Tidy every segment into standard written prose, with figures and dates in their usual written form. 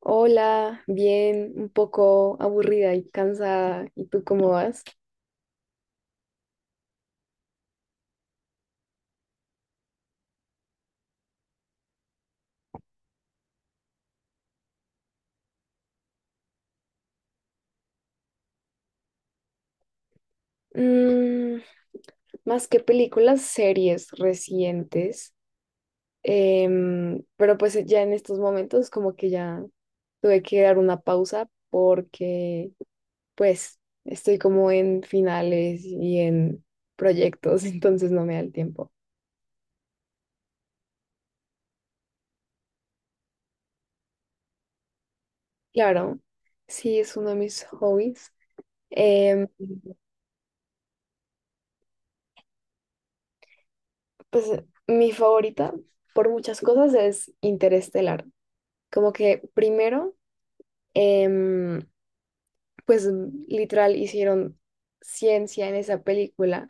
Hola, bien, un poco aburrida y cansada. ¿Y tú cómo vas? Mm, más que películas, series recientes. Ya en estos momentos, como que ya tuve que dar una pausa porque pues estoy como en finales y en proyectos, entonces no me da el tiempo. Claro, sí, es uno de mis hobbies. Em, Pues mi favorita por muchas cosas es Interestelar. Como que primero, em, pues literal hicieron ciencia en esa película,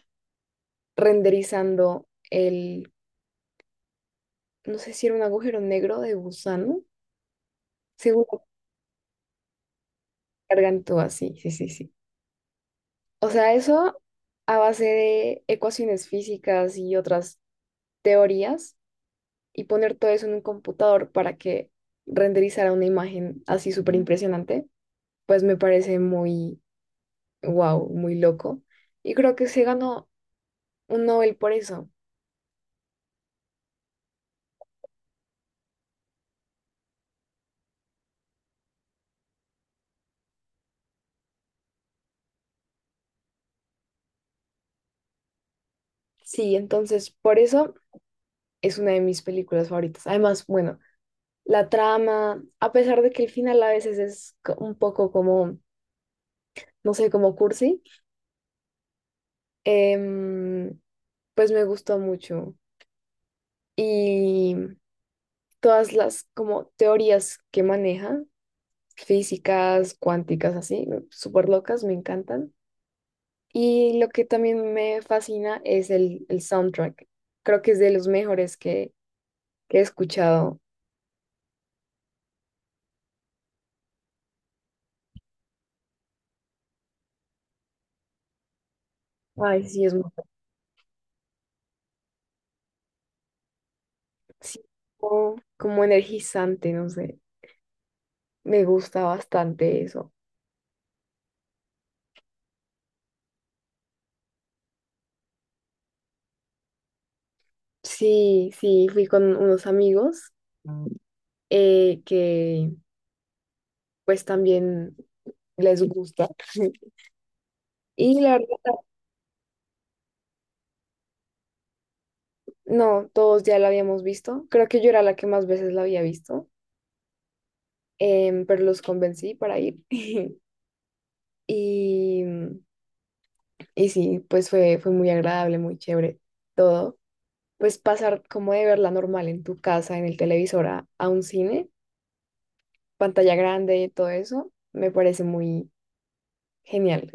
renderizando no sé si era un agujero negro de gusano, según lo cargan todo así, sí, sí, sí. O sea, eso a base de ecuaciones físicas y otras teorías, y poner todo eso en un computador para que renderizara una imagen así súper impresionante, pues me parece muy, wow, muy loco. Y creo que se ganó un Nobel por eso. Sí, entonces por eso es una de mis películas favoritas. Además, bueno, la trama, a pesar de que el final a veces es un poco como, no sé, como cursi, em, pues me gustó mucho. Y todas las como teorías que maneja, físicas, cuánticas, así, súper locas, me encantan. Y lo que también me fascina es el soundtrack. Creo que es de los mejores que he escuchado. Ay, sí, es muy, sí, como, como energizante, no sé. Me gusta bastante eso. Sí, sí, fui con unos amigos que pues también les gusta. Y la verdad, no, todos ya la habíamos visto. Creo que yo era la que más veces la había visto, pero los convencí para ir. Y Y sí, pues fue muy agradable, muy chévere todo. Pues pasar como de verla normal en tu casa, en el televisor, a un cine, pantalla grande y todo eso, me parece muy genial.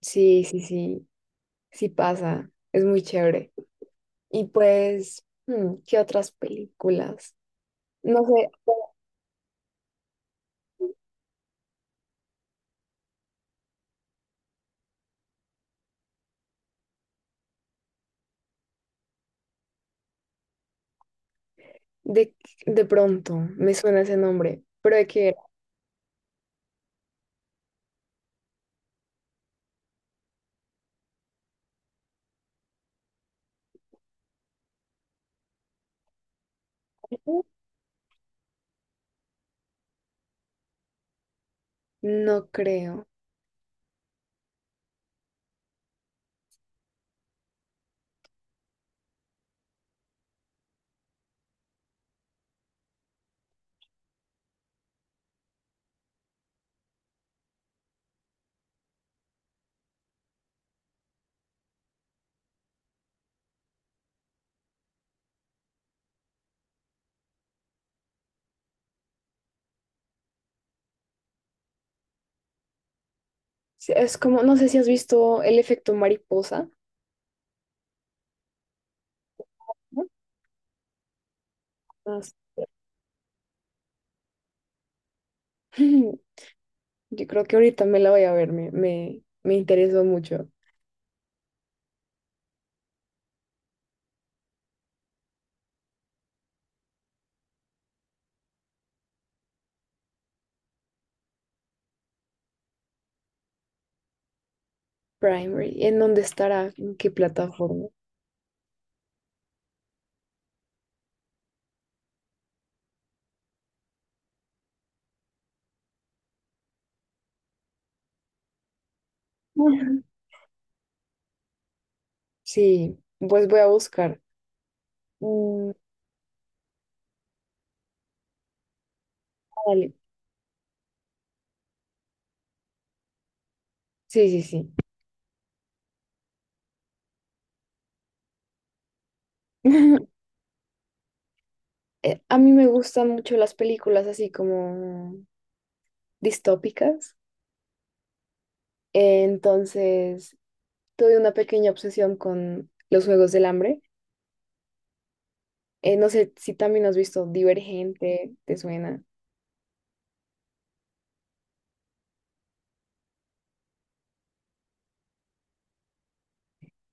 Sí, sí, sí, sí pasa, es muy chévere. Y pues, hmm, ¿qué otras películas? No sé, de, de pronto me suena ese nombre, pero de qué era, no creo. Sí, es como, no sé si has visto El efecto mariposa. ¿No? No sé. Yo creo que ahorita me la voy a ver, me interesó mucho. Primary, ¿en dónde estará? ¿En qué plataforma? Ujú. Sí, pues voy a buscar. Mm, dale. Sí, sí, sí. A mí me gustan mucho las películas así como distópicas. Entonces, tuve una pequeña obsesión con los Juegos del Hambre. No sé si también has visto Divergente, ¿te suena?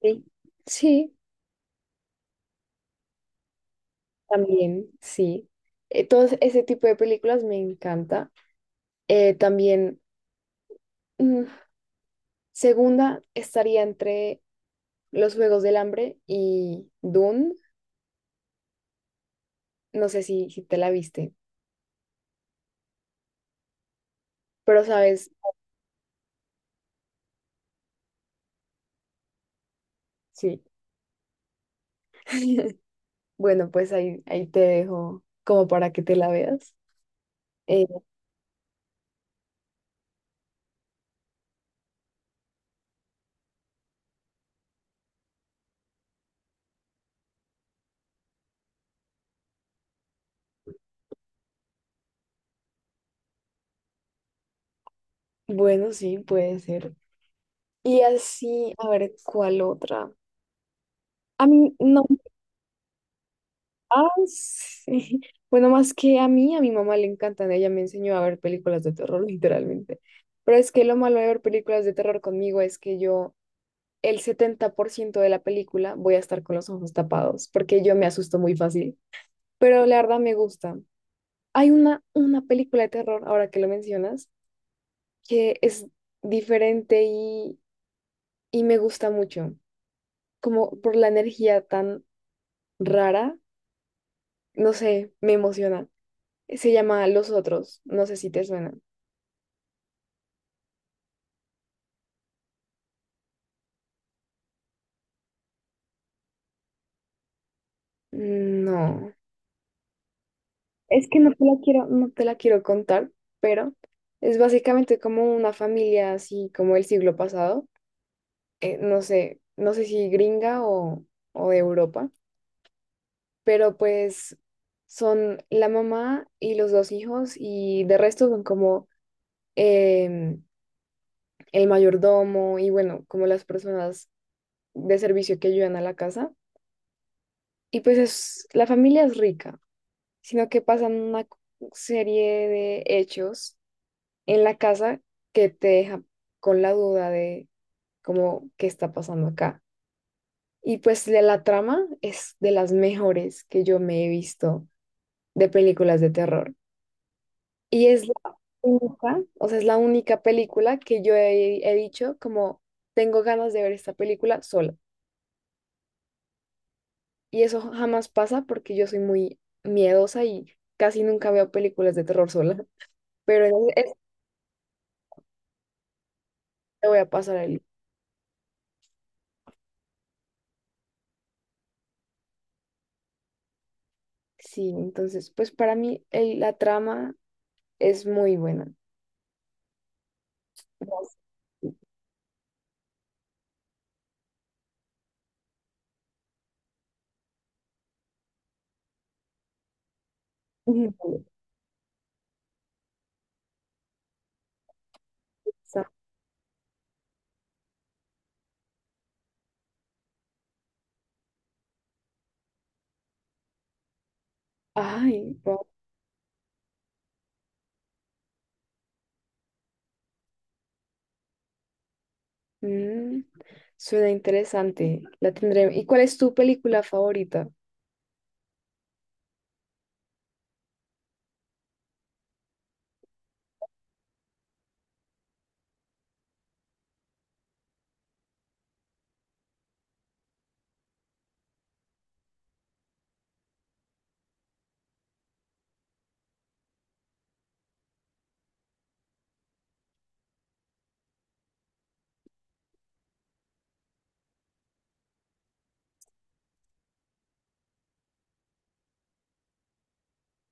Sí. Sí, también, sí. Todo ese tipo de películas me encanta. Eh, también, mm, Segunda estaría entre Los Juegos del Hambre y Dune. No sé si te la viste, pero sabes, sí. Bueno, pues ahí te dejo como para que te la veas. Eh, bueno, sí, puede ser. Y así, a ver, ¿cuál otra? A mí no. Ah, sí. Bueno, más que a mí, a mi mamá le encantan. Ella me enseñó a ver películas de terror, literalmente. Pero es que lo malo de ver películas de terror conmigo es que el 70% de la película, voy a estar con los ojos tapados, porque yo me asusto muy fácil. Pero la verdad me gusta. Hay una película de terror, ahora que lo mencionas, que es diferente y me gusta mucho. Como por la energía tan rara, no sé, me emociona. Se llama Los Otros. No sé si te suena. No. Es que no te la quiero contar, pero es básicamente como una familia así como el siglo pasado. Eh, no sé, no sé si gringa o de Europa, pero pues son la mamá y los 2 hijos y de resto son como em, el mayordomo y bueno, como las personas de servicio que ayudan a la casa. Y pues es, la familia es rica, sino que pasan una serie de hechos en la casa que te deja con la duda de cómo qué está pasando acá. Y pues la trama es de las mejores que yo me he visto de películas de terror. Y es la única, o sea, es la única película que yo he dicho como: tengo ganas de ver esta película sola. Y eso jamás pasa porque yo soy muy miedosa y casi nunca veo películas de terror sola. Pero en te voy a pasar el... Sí, entonces, pues para mí la trama es muy buena. Gracias. Sa- Ay, wow. Mm, suena interesante. La tendré. ¿Y cuál es tu película favorita?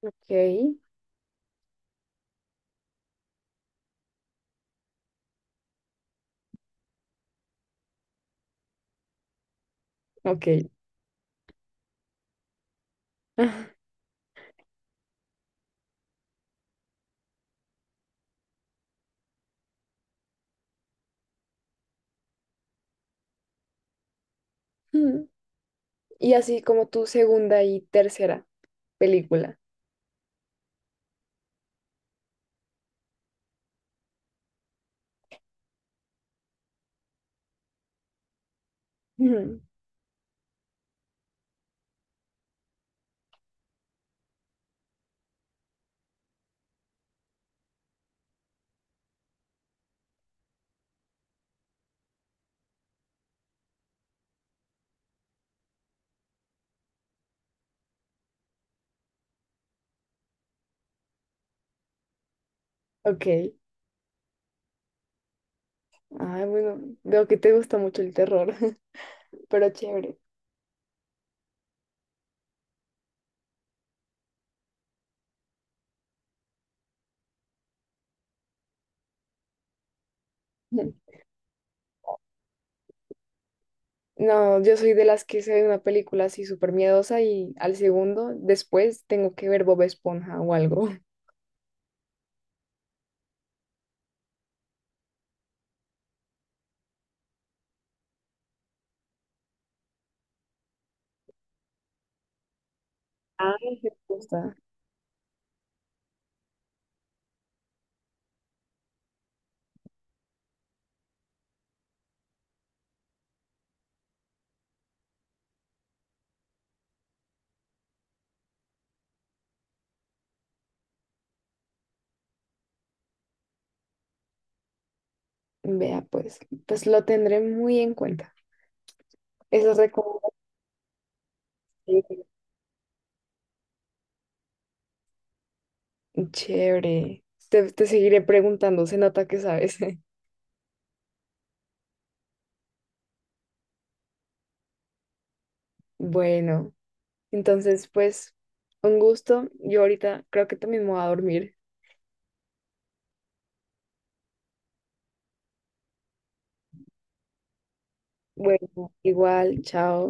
Ok, ok. Mm, y así como tu segunda y tercera película. Mm, ok. Ah, bueno, veo que te gusta mucho el terror, pero chévere. No, yo soy de las que se ve una película así súper miedosa y al segundo, después tengo que ver Bob Esponja o algo. Ay, qué gusta. Vea, pues, pues lo tendré muy en cuenta, esas recomendaciones. Chévere. Te seguiré preguntando, se nota que sabes. Bueno, entonces, pues, un gusto. Yo ahorita creo que también me voy a dormir. Bueno, igual, chao.